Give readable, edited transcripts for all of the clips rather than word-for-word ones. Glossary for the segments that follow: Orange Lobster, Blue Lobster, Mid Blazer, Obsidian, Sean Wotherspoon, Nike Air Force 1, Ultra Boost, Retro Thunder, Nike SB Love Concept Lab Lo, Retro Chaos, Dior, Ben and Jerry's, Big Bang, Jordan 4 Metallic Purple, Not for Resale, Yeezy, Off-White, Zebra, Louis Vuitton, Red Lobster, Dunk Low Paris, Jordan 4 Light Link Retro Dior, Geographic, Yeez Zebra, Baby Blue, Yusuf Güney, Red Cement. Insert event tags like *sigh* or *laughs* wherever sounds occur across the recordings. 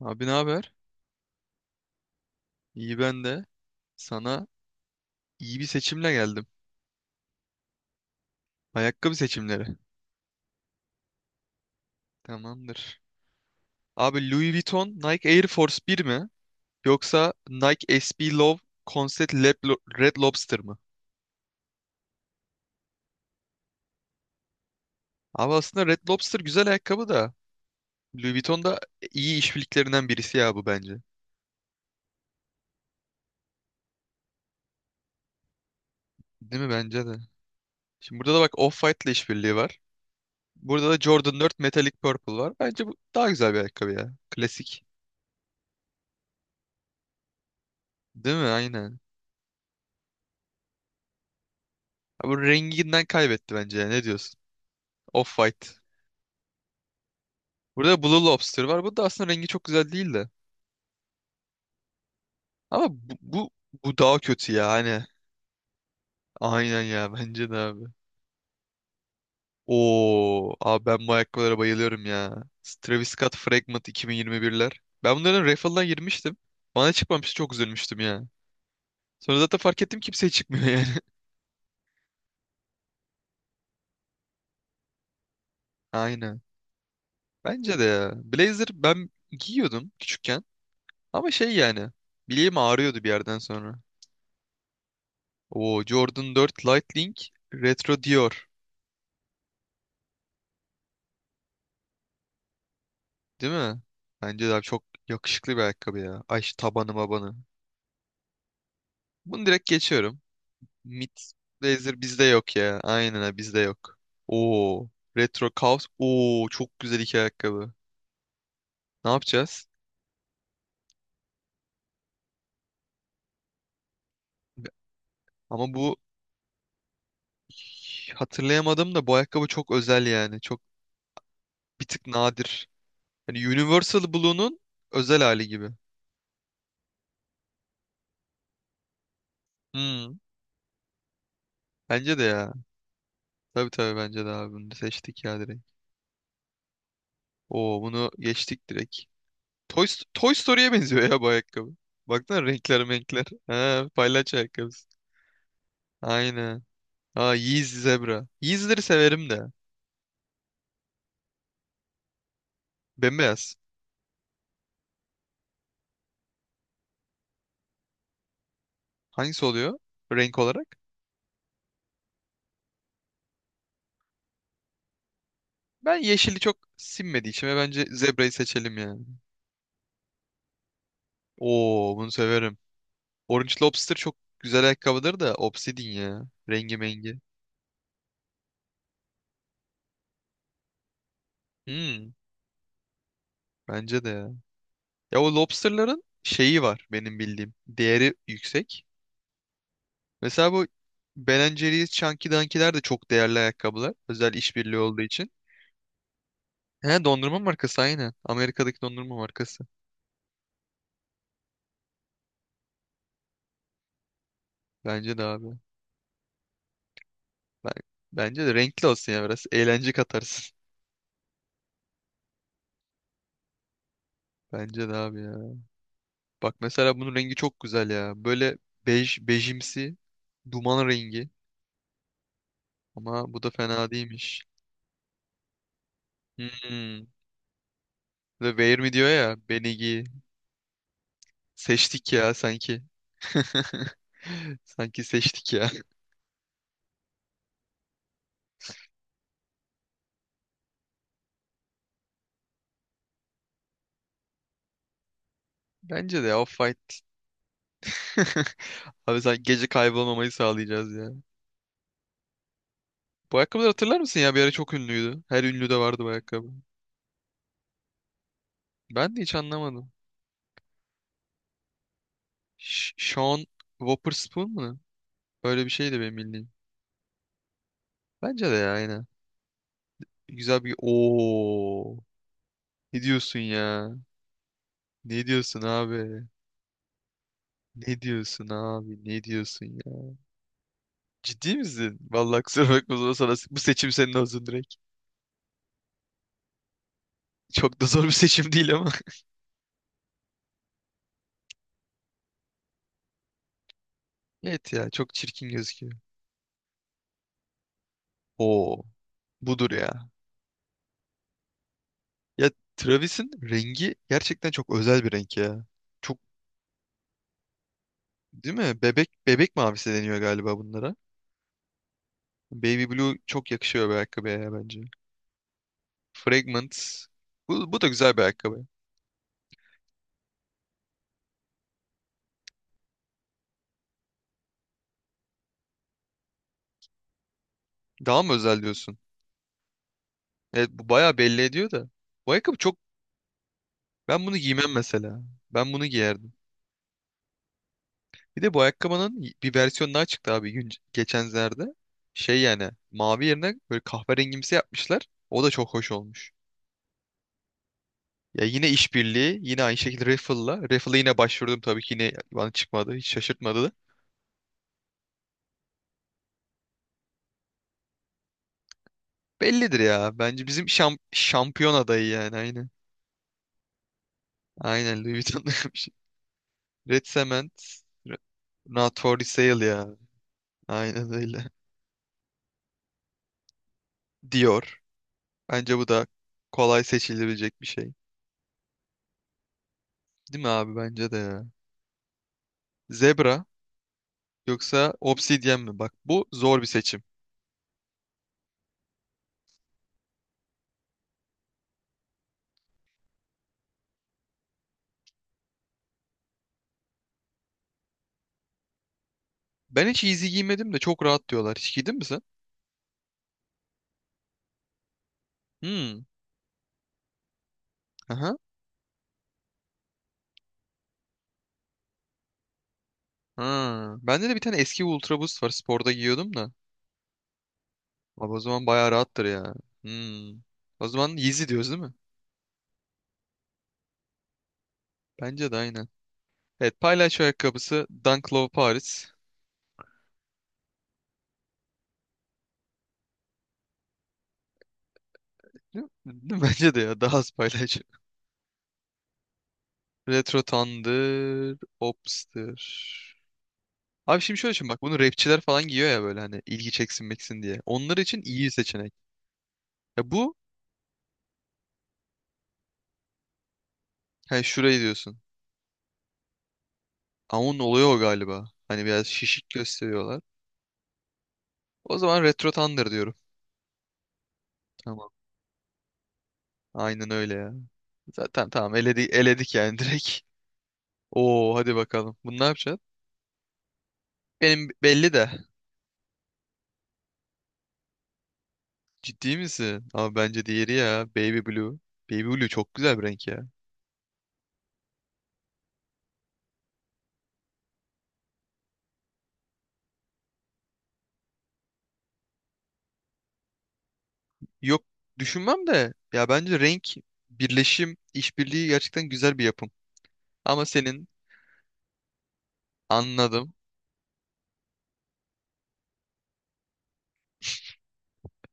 Abi ne haber? İyi ben de. Sana iyi bir seçimle geldim. Ayakkabı seçimleri. Tamamdır. Abi Louis Vuitton Nike Air Force 1 mi? Yoksa Nike SB Love Concept Lab Red Lobster mı? Abi aslında Red Lobster güzel ayakkabı da Louis Vuitton da iyi işbirliklerinden birisi ya bu bence. Değil mi? Bence de. Şimdi burada da bak Off-White'la işbirliği var. Burada da Jordan 4 Metallic Purple var. Bence bu daha güzel bir ayakkabı ya. Klasik. Değil mi? Aynen. Abi renginden kaybetti bence ya. Ne diyorsun? Off-White. Burada Blue Lobster var. Bu da aslında rengi çok güzel değil de. Ama bu daha kötü ya. Hani. Aynen ya. Bence de abi. Oo, abi ben bu ayakkabılara bayılıyorum ya. Travis Scott Fragment 2021'ler. Ben bunların raffle'dan girmiştim. Bana çıkmamıştı çok üzülmüştüm ya. Sonra zaten fark ettim kimseye çıkmıyor yani. *laughs* Aynen. Bence de ya. Blazer ben giyiyordum küçükken. Ama şey yani. Bileğim ağrıyordu bir yerden sonra. Oo, Jordan 4 Light Link Retro Dior. Değil mi? Bence de abi çok yakışıklı bir ayakkabı ya. Ay şu tabanı mabanı. Bunu direkt geçiyorum. Mid Blazer bizde yok ya. Aynen ha, bizde yok. Oo. Retro Chaos. Oo çok güzel iki ayakkabı. Ne yapacağız? Ama bu hatırlayamadım da bu ayakkabı çok özel yani. Çok bir tık nadir. Hani Universal Blue'nun özel hali gibi. Hmm, bence de ya. Tabii tabii bence de abi bunu seçtik ya direkt. Oo bunu geçtik direkt. Toy Story'ye benziyor ya bu ayakkabı. Baksana renkler renkler. Ha, palyaço ayakkabısı. Aynen. Aa Yeez Zebra. Yeez'leri severim de. Bembeyaz. Hangisi oluyor renk olarak? Ben yeşili çok sinmediği için ve bence zebrayı seçelim yani. Oo bunu severim. Orange Lobster çok güzel ayakkabıdır da Obsidian ya. Rengi mengi. Hmm, bence de ya. Ya o lobsterların şeyi var benim bildiğim. Değeri yüksek. Mesela bu Ben and Jerry's, Chunky Dunky'ler de çok değerli ayakkabılar. Özel işbirliği olduğu için. He dondurma markası aynen. Amerika'daki dondurma markası. Bence de abi. Ben, bence de renkli olsun ya biraz. Eğlence katarsın. *laughs* Bence de abi ya. Bak mesela bunun rengi çok güzel ya. Böyle bejimsi duman rengi. Ama bu da fena değilmiş. Hmm. The Wear Me diyor ya. Beni giy. Seçtik ya sanki. *laughs* Sanki seçtik ya. *laughs* Bence de Off-White. *laughs* Abi sen gece kaybolmamayı sağlayacağız ya. Bu ayakkabıları hatırlar mısın ya? Bir ara çok ünlüydü. Her ünlüde vardı bu ayakkabı. Ben de hiç anlamadım. Sean Wotherspoon mu? Böyle bir şeydi benim bildiğim. Bence de ya aynen. Güzel bir... Oo. Ne diyorsun ya? Ne diyorsun abi? Ne diyorsun abi? Ne diyorsun ya? Ciddi misin? Vallahi kusura bakma zor sana. Bu seçim senin olsun direkt. Çok da zor bir seçim değil ama. *laughs* Evet ya çok çirkin gözüküyor. Oo. Budur ya. Ya Travis'in rengi gerçekten çok özel bir renk ya. Çok değil mi? Bebek mavisi deniyor galiba bunlara. Baby Blue çok yakışıyor bir ayakkabıya ya bence. Fragment. Bu da güzel bir ayakkabı. Daha mı özel diyorsun? Evet bu bayağı belli ediyor da. Bu ayakkabı çok... Ben bunu giymem mesela. Ben bunu giyerdim. Bir de bu ayakkabının bir versiyonu daha çıktı abi geçenlerde. Şey yani mavi yerine böyle kahverengimsi yapmışlar. O da çok hoş olmuş. Ya yine işbirliği, yine aynı şekilde Raffle'la. Raffle'a yine başvurdum tabii ki yine bana çıkmadı. Hiç şaşırtmadı da. Bellidir ya. Bence bizim şampiyon adayı yani aynı. Aynen Louis Vuitton'da *laughs* yapmış. Red Cement, Re- Not for Resale ya. Aynen öyle. Dior. Bence bu da kolay seçilebilecek bir şey. Değil mi abi? Bence de ya. Zebra yoksa Obsidian mi? Bak bu zor bir seçim. Ben hiç Yeezy giymedim de çok rahat diyorlar. Hiç giydin mi sen? Hmm. Ha, bende de bir tane eski Ultra Boost var. Sporda giyiyordum da. Abi o zaman bayağı rahattır ya. Hmm. O zaman Yeezy diyoruz değil mi? Bence de aynen. Evet paylaş ayakkabısı Dunk Low Paris. Değil mi? *laughs* Bence de ya daha az paylaş. Retro Thunder, Opster. Abi şimdi şöyle düşün bak bunu rapçiler falan giyiyor ya böyle hani ilgi çeksin meksin diye. Onlar için iyi seçenek. Ya bu hani şurayı diyorsun. Ama onun oluyor o galiba. Hani biraz şişik gösteriyorlar. O zaman Retro Thunder diyorum. Tamam. Aynen öyle ya. Zaten tamam eledik, eledik yani *laughs* direkt. Oo hadi bakalım. Bunu ne yapacaksın? Benim belli de. Ciddi misin? Ama bence diğeri ya. Baby Blue. Baby Blue çok güzel bir renk ya. Yok düşünmem de. Ya bence renk işbirliği gerçekten güzel bir yapım. Ama senin anladım. *gasps*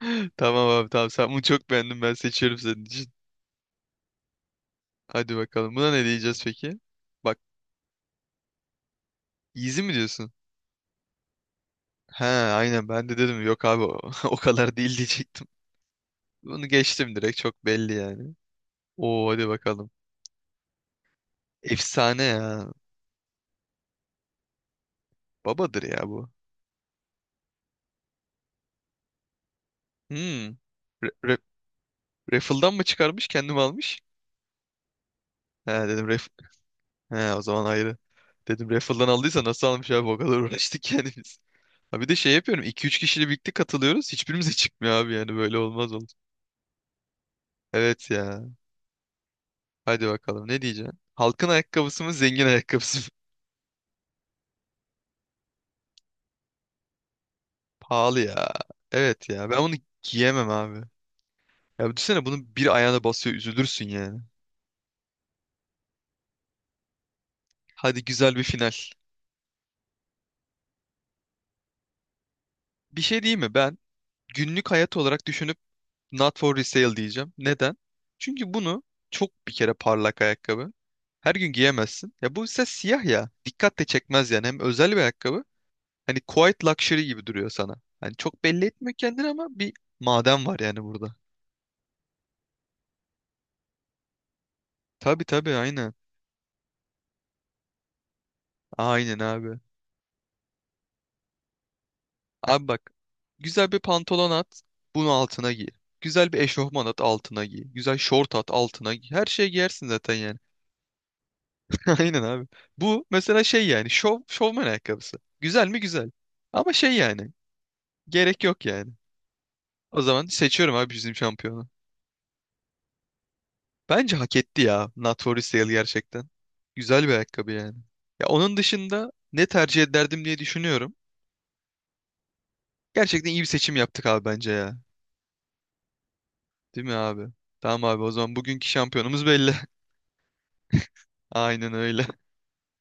*laughs* Tamam abi tamam sen bunu çok beğendim ben seçiyorum senin için. Hadi bakalım buna ne diyeceğiz peki? Bak easy mi diyorsun? He aynen ben de dedim yok abi o, *laughs* o kadar değil diyecektim. Bunu geçtim direkt çok belli yani. Oo hadi bakalım. Efsane ya. Babadır ya bu. Hmm. Re re- raffle'dan mı çıkarmış kendim almış? He dedim. He o zaman ayrı. Dedim raffle'dan aldıysa nasıl almış abi o kadar *laughs* uğraştık yani biz. Ha bir de şey yapıyorum 2 üç kişiyle birlikte katılıyoruz. Hiçbirimize çıkmıyor abi yani böyle olmaz olur. Evet ya. Hadi bakalım ne diyeceksin? Halkın ayakkabısı mı zengin ayakkabısı mı? *laughs* Pahalı ya. Evet ya ben bunu giyemem abi. Ya düşünsene bunun bir ayağına basıyor üzülürsün yani. Hadi güzel bir final. Bir şey diyeyim mi? Ben günlük hayat olarak düşünüp not for resale diyeceğim. Neden? Çünkü bunu çok bir kere parlak ayakkabı. Her gün giyemezsin. Ya bu ise siyah ya. Dikkat de çekmez yani. Hem özel bir ayakkabı. Hani quiet luxury gibi duruyor sana. Hani çok belli etmiyor kendini ama bir maden var yani burada. Tabii tabii aynen. Aynen abi. Abi bak. Güzel bir pantolon at. Bunu altına giy. Güzel bir eşofman at altına giy. Güzel şort at altına giy. Her şeyi giyersin zaten yani. *laughs* Aynen abi. Bu mesela şey yani şovman ayakkabısı. Güzel mi güzel. Ama şey yani gerek yok yani. O zaman seçiyorum abi bizim şampiyonu. Bence hak etti ya Not For Sale gerçekten. Güzel bir ayakkabı yani. Ya onun dışında ne tercih ederdim diye düşünüyorum. Gerçekten iyi bir seçim yaptık abi bence ya. Değil mi abi? Tamam abi o zaman bugünkü şampiyonumuz belli. *laughs* Aynen öyle.